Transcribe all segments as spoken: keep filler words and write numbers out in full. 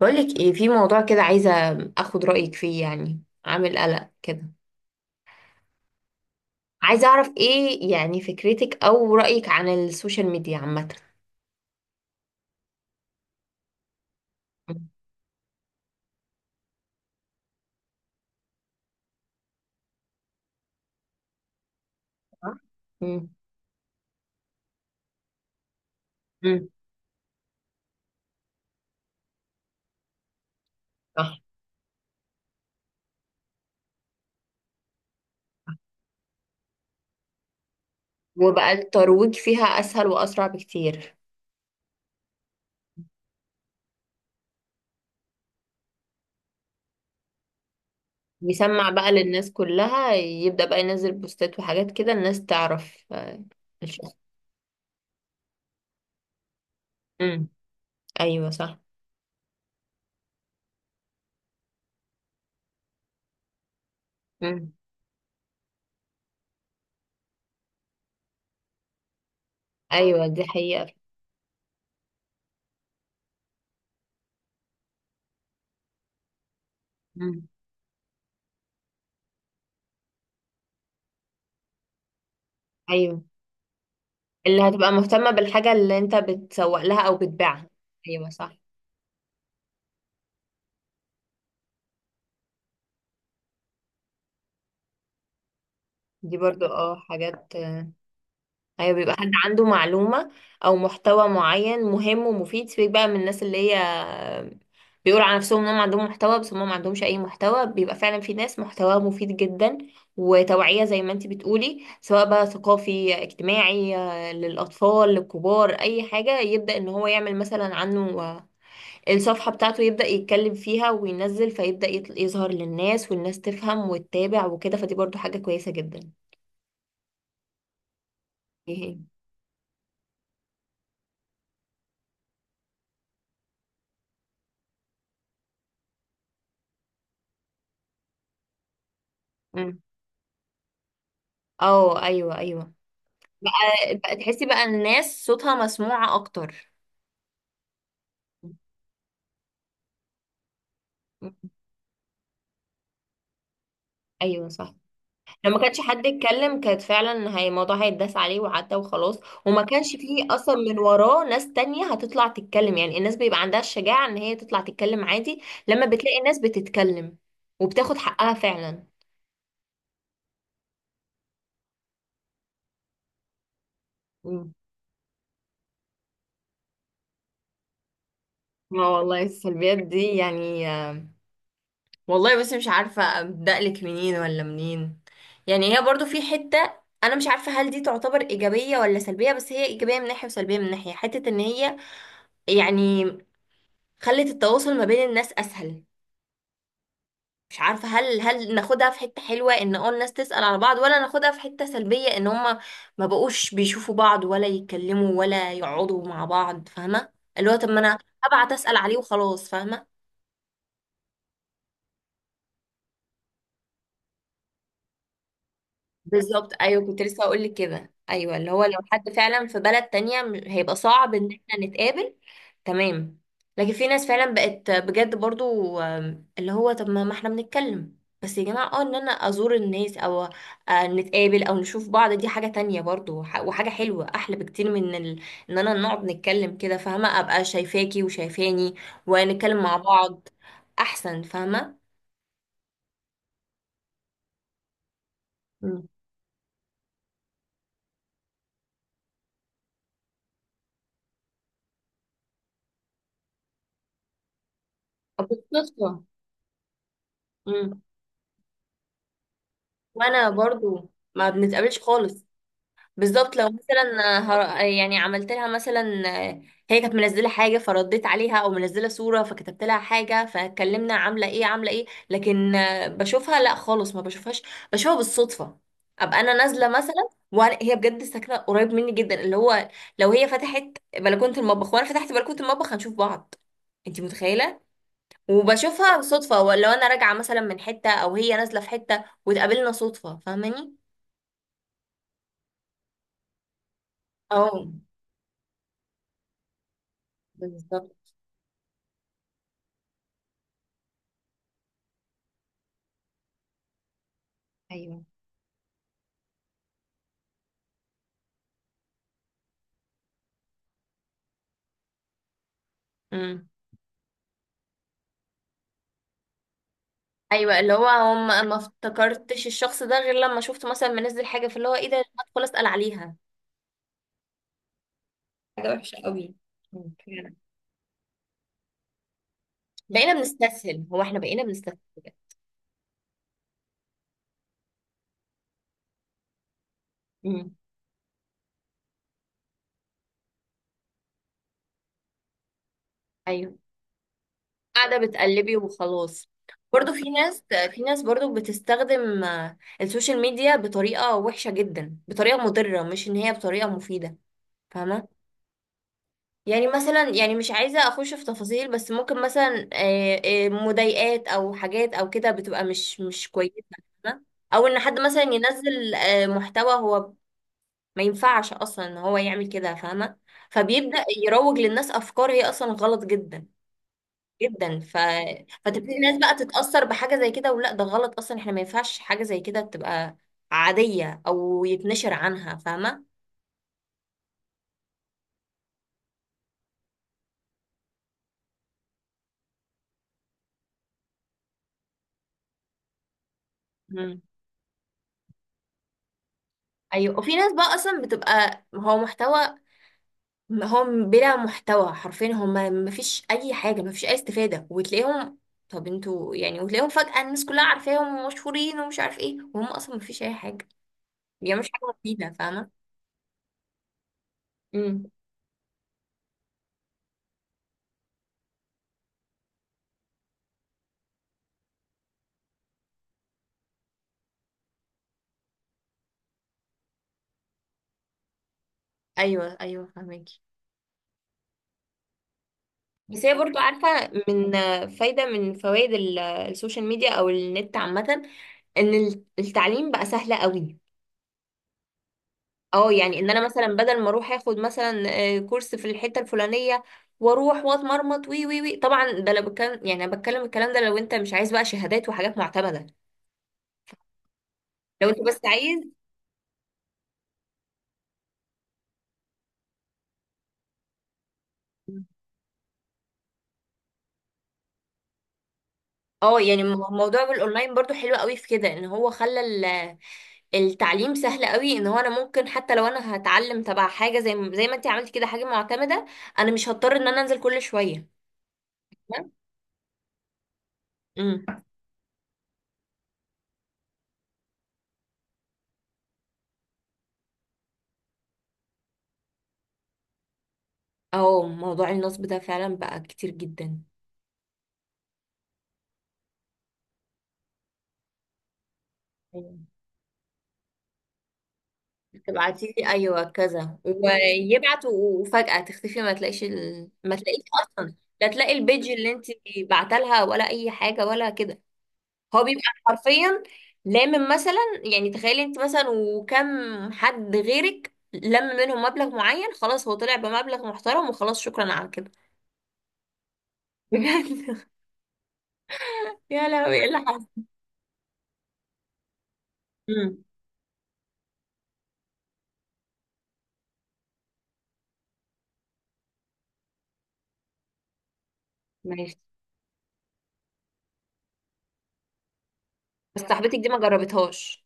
بقولك ايه في موضوع كده عايزة اخد رأيك فيه يعني عامل قلق كده. عايزة اعرف ايه يعني فكرتك او رأيك عن السوشيال ميديا عامة. مم. صح. مم. مم. صح. وبقى الترويج فيها اسهل واسرع بكتير. بيسمع بقى للناس كلها يبدأ بقى ينزل بوستات وحاجات كده الناس تعرف آه، الشخص. مم. ايوه صح. مم. ايوه دي حقيقة. مم. ايوه اللي هتبقى مهتمة بالحاجة اللي انت بتسوق لها او بتبيعها. ايوه صح. دي برضو اه حاجات آه، ايوه بيبقى حد عنده معلومة او محتوى معين مهم ومفيد. سيبك بقى من الناس اللي هي آه، بيقولوا على نفسهم انهم عندهم محتوى بس هم ما عندهمش اي محتوى، بيبقى فعلا في ناس محتوى مفيد جدا وتوعية زي ما انتي بتقولي، سواء بقى ثقافي اجتماعي آه، للاطفال للكبار اي حاجة، يبدأ ان هو يعمل مثلا عنه آه، الصفحة بتاعته يبدأ يتكلم فيها وينزل، فيبدأ يطل- يظهر للناس والناس تفهم وتتابع وكده، فدي برضو حاجة كويسة جدا. ايه. اه ايوه ايوه. بقى تحسي بقى الناس صوتها مسموعة اكتر. ايوه صح. لو ما كانش حد اتكلم كانت فعلا هي، الموضوع هيتداس عليه وعدى وخلاص، وما كانش فيه اصلا من وراه ناس تانية هتطلع تتكلم. يعني الناس بيبقى عندها الشجاعة ان هي تطلع تتكلم عادي لما بتلاقي الناس بتتكلم، وبتاخد حقها فعلا. مم. اه والله السلبيات دي يعني، والله بس مش عارفة أبدأ لك منين ولا منين. يعني هي برضو في حتة، أنا مش عارفة هل دي تعتبر إيجابية ولا سلبية، بس هي إيجابية من ناحية وسلبية من ناحية. حتة إن هي يعني خلت التواصل ما بين الناس أسهل. مش عارفة هل هل ناخدها في حتة حلوة إن اه الناس تسأل على بعض، ولا ناخدها في حتة سلبية إن هما ما بقوش بيشوفوا بعض ولا يتكلموا ولا يقعدوا مع بعض، فاهمة؟ اللي هو طب ما أنا هبعت أسأل عليه وخلاص، فاهمة؟ بالظبط ايوه، كنت لسه هقول لك كده. ايوه اللي هو لو حد فعلا في بلد تانية م- هيبقى صعب ان احنا نتقابل. تمام. لكن في ناس فعلا بقت بجد برضو آم، اللي هو طب ما ما احنا بنتكلم، بس يا جماعة اه ان انا ازور الناس او آه، نتقابل او نشوف بعض، دي حاجة تانية برضو وح- وحاجة حلوة احلى بكتير من ال... ان انا نقعد نتكلم كده. فاهمة؟ ابقى شايفاكي وشايفاني ونتكلم مع بعض، احسن. فاهمة؟ مم. بالصدفة. وانا برضو ما بنتقابلش خالص. بالظبط. لو مثلا هر... يعني عملت لها مثلا، هي كانت منزله حاجه فرديت عليها، او منزله صوره فكتبت لها حاجه، فاتكلمنا عامله ايه عامله ايه. لكن بشوفها لا، خالص ما بشوفهاش. بشوفها بالصدفه. ابقى انا نازله مثلا وهي بجد ساكنه قريب مني جدا، اللي هو لو هي فتحت بلكونه المطبخ وانا فتحت بلكونه المطبخ هنشوف بعض. انت متخيله؟ وبشوفها صدفه، ولو انا راجعه مثلا من حته او هي نازله في حته واتقابلنا صدفه. فاهماني؟ اه. بالظبط. ايوه. امم. ايوه اللي هو هم، ما افتكرتش الشخص ده غير لما شفت مثلا منزل حاجه، فاللي هو ايه ده، هدخل اسال عليها. حاجة وحشة قوي. مم. فعلا. بقينا بنستسهل، هو احنا بقينا بنستسهل. مم. ايوه. قاعده بتقلبي وخلاص. برضو في ناس، في ناس برضو بتستخدم آه، السوشيال ميديا بطريقه وحشه جدا، بطريقه مضره، مش ان هي بطريقه مفيده. فاهمه؟ يعني مثلا، يعني مش عايزة اخش في تفاصيل، بس ممكن مثلا آه، آه، مضايقات او حاجات او كده، بتبقى مش مش كويسة. فاهمة؟ او ان حد مثلا ينزل آه، محتوى هو ما ينفعش اصلا ان هو يعمل كده. فاهمة؟ فبيبدأ يروج للناس افكار هي اصلا غلط جدا جدا ف... فتبتدي الناس بقى تتأثر بحاجة زي كده، ولا ده غلط اصلا، احنا ما ينفعش حاجة زي كده تبقى عادية او يتنشر عنها. فاهمة؟ مم. ايوه. وفي ناس بقى اصلا بتبقى هو محتوى م- هم بلا محتوى، حرفيا هم مفيش اي حاجه، مفيش اي استفاده، وتلاقيهم، طب انتوا يعني؟ وتلاقيهم فجاه الناس كلها عارفاهم ومشهورين ومش عارف ايه، وهم اصلا مفيش اي حاجه، يعني مش حاجه مفيده. فاهمه؟ امم. ايوه ايوه فاهمكي. بس هي برضو، عارفه، من فايده من فوائد ال- السوشيال ميديا او النت عامه، ان التعليم بقى سهل قوي. اه يعني ان انا مثلا بدل ما اروح اخد مثلا آه، كورس في الحته الفلانيه، واروح واتمرمط وي وي وي. طبعا ده لو بتكلم، يعني انا بتكلم الكلام ده لو انت مش عايز بقى شهادات وحاجات معتمده، لو انت بس عايز. اه يعني مو- موضوع الاونلاين برضو حلو قوي في كده، ان هو خلى ال- التعليم سهل قوي، ان هو انا ممكن حتى لو انا هتعلم تبع حاجه زي ما- زي ما انت عملت كده حاجه معتمده، انا مش هضطر ان انا انزل كل شويه. امم. اه موضوع النصب ده فعلا بقى كتير جدا. تبعتي لي ايوه كذا، ويبعت و- وفجأة تختفي، ما تلاقيش ال... ما تلاقيش اصلا. لا تلاقي البيج اللي انت بعتلها ولا اي حاجه ولا كده. هو بيبقى حرفيا لامم مثلا، يعني تخيلي انت مثلا وكم حد غيرك لم منهم مبلغ معين، خلاص هو طلع بمبلغ محترم وخلاص، شكرا على كده. بجد؟ يا لهوي، ايه اللي حصل؟ امم. ماشي. بس صاحبتك دي ما جربتهاش؟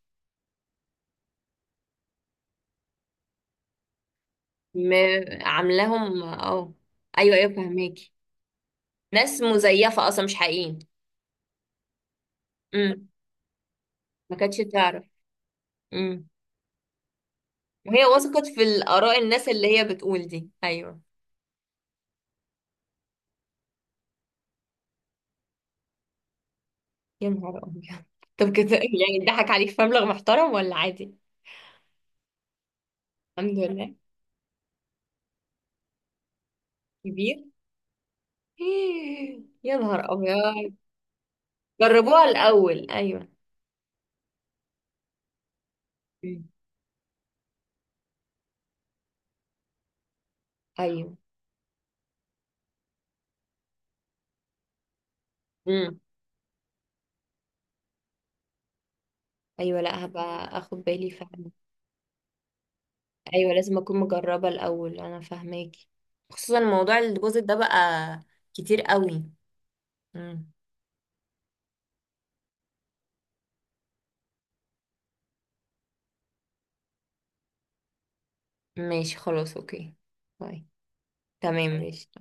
م... عاملاهم اه. ايوه ايوه فهماكي. ناس مزيفة أصلا، مش حقيقيين. امم. ما كانتش تعرف. امم. وهي وثقت في الآراء الناس اللي هي بتقول دي. أيوه. يا نهار أبيض. طب كده يعني اتضحك عليك في مبلغ محترم ولا عادي؟ الحمد لله. كبير. إيه، يا نهار أبيض. جربوها الأول، أيوه. مم. أيوه. امم. أيوه لا، هبقى أخد بالي فعلا. أيوه لازم أكون مجربة الأول. أنا فاهماكي. خصوصا موضوع الديبوزيت ده بقى كتير قوي. امم. ماشي خلاص، أوكي. باي. تمام ماشي.